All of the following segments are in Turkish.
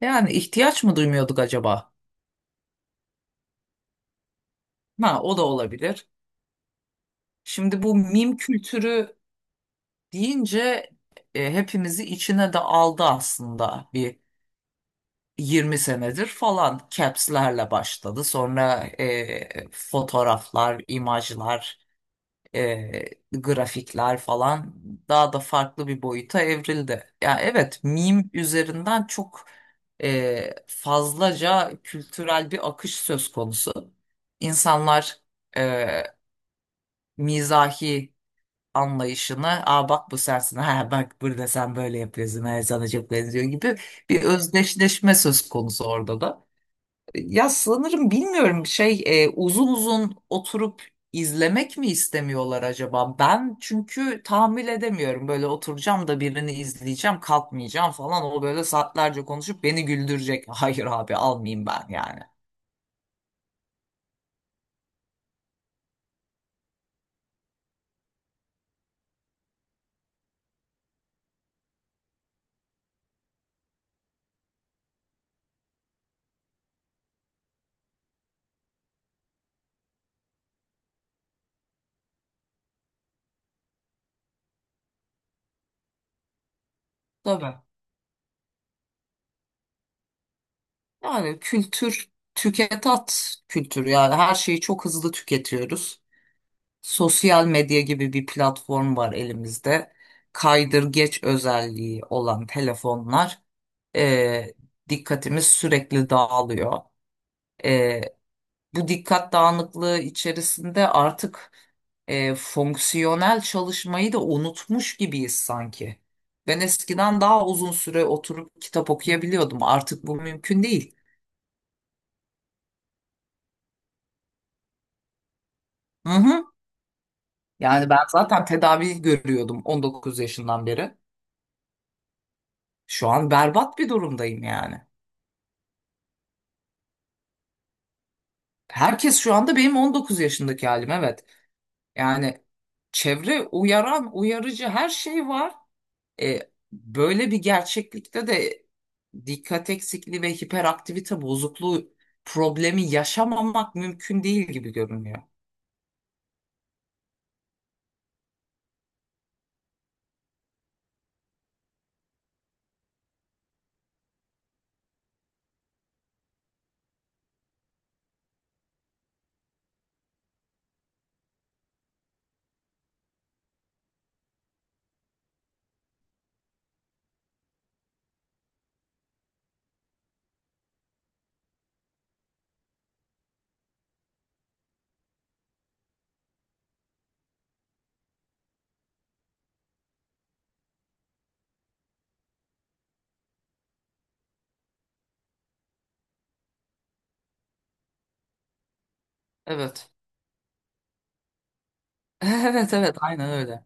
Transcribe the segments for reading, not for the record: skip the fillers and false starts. Yani ihtiyaç mı duymuyorduk acaba? Ha, o da olabilir. Şimdi bu mim kültürü deyince hepimizi içine de aldı aslında bir 20 senedir falan caps'lerle başladı. Sonra fotoğraflar, imajlar, e, grafikler falan daha da farklı bir boyuta evrildi. Ya evet, mim üzerinden çok fazlaca kültürel bir akış söz konusu. İnsanlar e, mizahi anlayışını bak bu sensin, ha bak burada sen böyle yapıyorsun, ha, sana çok benziyor gibi bir özdeşleşme söz konusu orada da. Ya sanırım bilmiyorum şey, uzun uzun oturup izlemek mi istemiyorlar acaba? Ben çünkü tahammül edemiyorum, böyle oturacağım da birini izleyeceğim, kalkmayacağım falan, o böyle saatlerce konuşup beni güldürecek. Hayır abi, almayayım ben yani. Tabii. Yani kültür, tüket at kültürü, yani her şeyi çok hızlı tüketiyoruz. Sosyal medya gibi bir platform var elimizde. Kaydırgeç özelliği olan telefonlar, e, dikkatimiz sürekli dağılıyor. E, bu dikkat dağınıklığı içerisinde artık fonksiyonel çalışmayı da unutmuş gibiyiz sanki. Ben eskiden daha uzun süre oturup kitap okuyabiliyordum. Artık bu mümkün değil. Hı hı. Yani ben zaten tedavi görüyordum 19 yaşından beri. Şu an berbat bir durumdayım yani. Herkes şu anda benim 19 yaşındaki halim, evet. Yani çevre uyaran, uyarıcı her şey var. E, böyle bir gerçeklikte de dikkat eksikliği ve hiperaktivite bozukluğu problemi yaşamamak mümkün değil gibi görünüyor. Evet. Evet, evet, aynen öyle.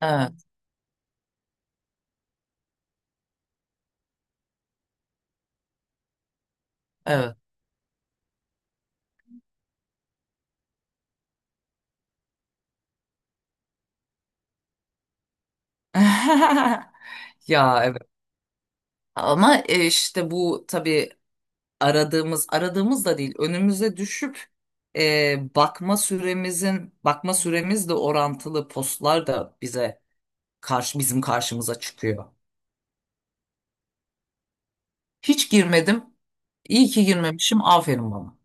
Evet, evet. Ya evet. Ama işte bu tabii aradığımız da değil, önümüze düşüp bakma süremizle orantılı postlar da bize karşı bizim karşımıza çıkıyor. Hiç girmedim. İyi ki girmemişim. Aferin bana.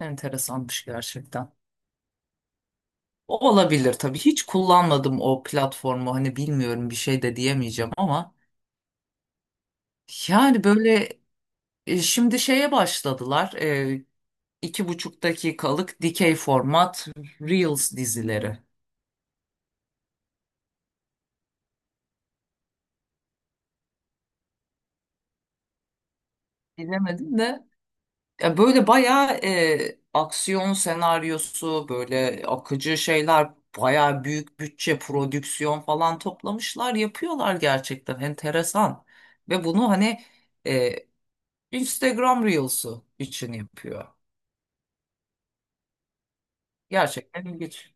Enteresanmış gerçekten. O olabilir tabii. Hiç kullanmadım o platformu. Hani bilmiyorum, bir şey de diyemeyeceğim, ama yani böyle şimdi şeye başladılar. İki buçuk dakikalık dikey format Reels dizileri. Bilemedim de ya böyle bayağı aksiyon senaryosu, böyle akıcı şeyler, bayağı büyük bütçe prodüksiyon falan toplamışlar, yapıyorlar gerçekten enteresan, ve bunu hani e, Instagram Reels'u için yapıyor, gerçekten ilginç.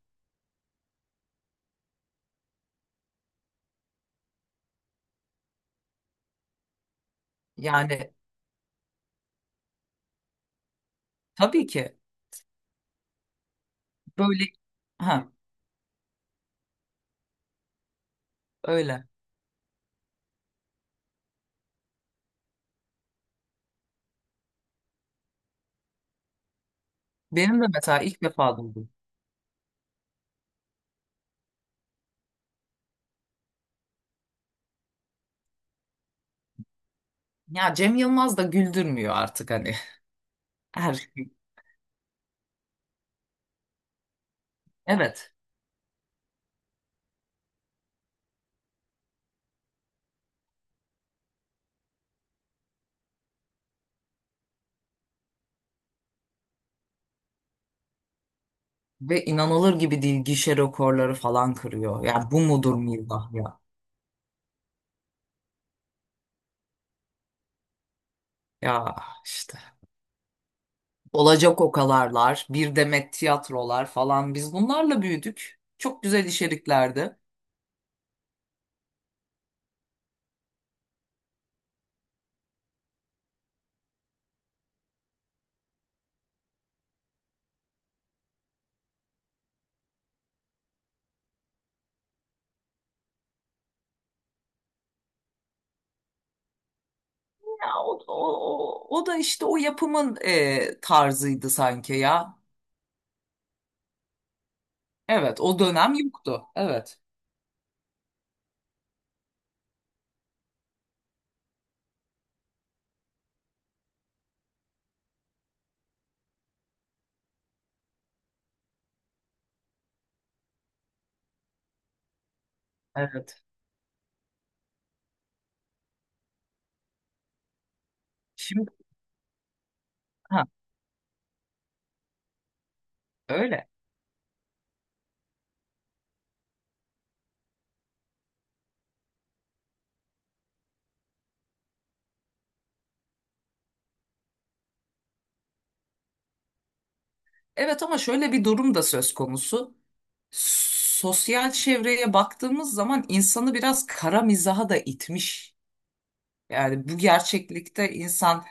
Yani tabii ki böyle, ha öyle. Benim de mesela ilk defa duydum. Ya Cem Yılmaz da güldürmüyor artık hani. Her şey, evet. Ve inanılır gibi değil, gişe rekorları falan kırıyor. Yani bu mudur mizah ya? Ya işte. Olacak okalarlar, bir demet tiyatrolar falan, biz bunlarla büyüdük. Çok güzel içeriklerdi. Ya o da işte o yapımın tarzıydı sanki ya. Evet o dönem yoktu. Evet. Evet. Şimdi ha, öyle. Evet ama şöyle bir durum da söz konusu. Sosyal çevreye baktığımız zaman insanı biraz kara mizaha da itmiş. Yani bu gerçeklikte insan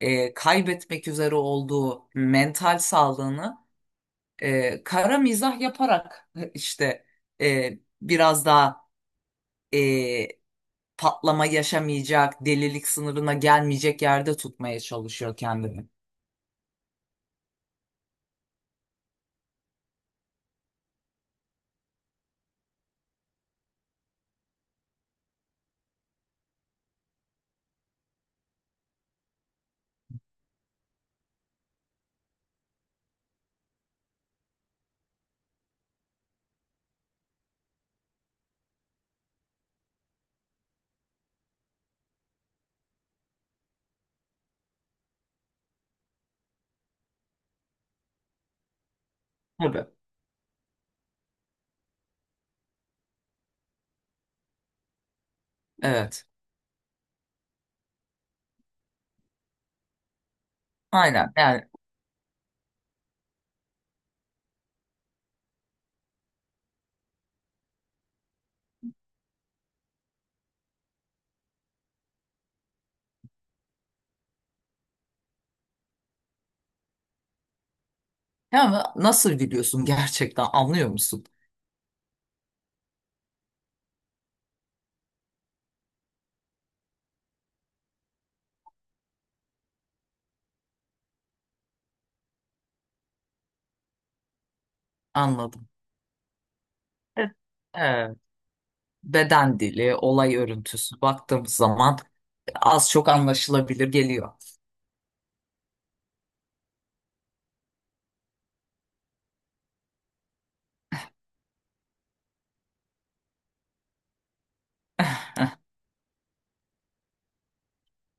kaybetmek üzere olduğu mental sağlığını kara mizah yaparak işte biraz daha e, patlama yaşamayacak, delilik sınırına gelmeyecek yerde tutmaya çalışıyor kendini. Tabii. Evet. Aynen. Yani ama nasıl gülüyorsun, gerçekten anlıyor musun? Anladım. Evet. Evet. Beden dili, olay örüntüsü baktığımız zaman az çok anlaşılabilir geliyor.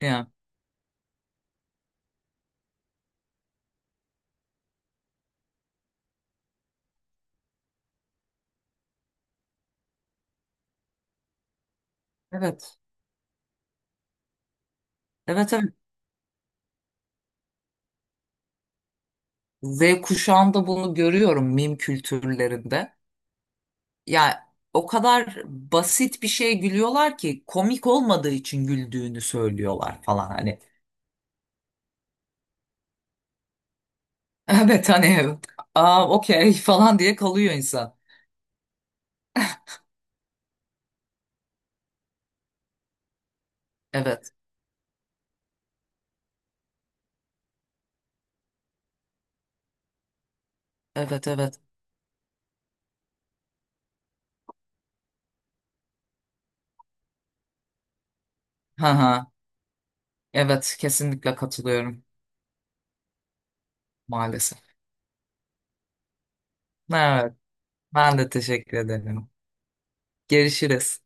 Yani. Evet. Evet, evet. Z kuşağında bunu görüyorum, mim kültürlerinde. Yani o kadar basit bir şeye gülüyorlar ki komik olmadığı için güldüğünü söylüyorlar falan hani. Evet hani, aa okey falan diye kalıyor insan. Evet. Evet, evet. Ha ha. Evet, kesinlikle katılıyorum, maalesef. Evet. Ben de teşekkür ederim. Görüşürüz.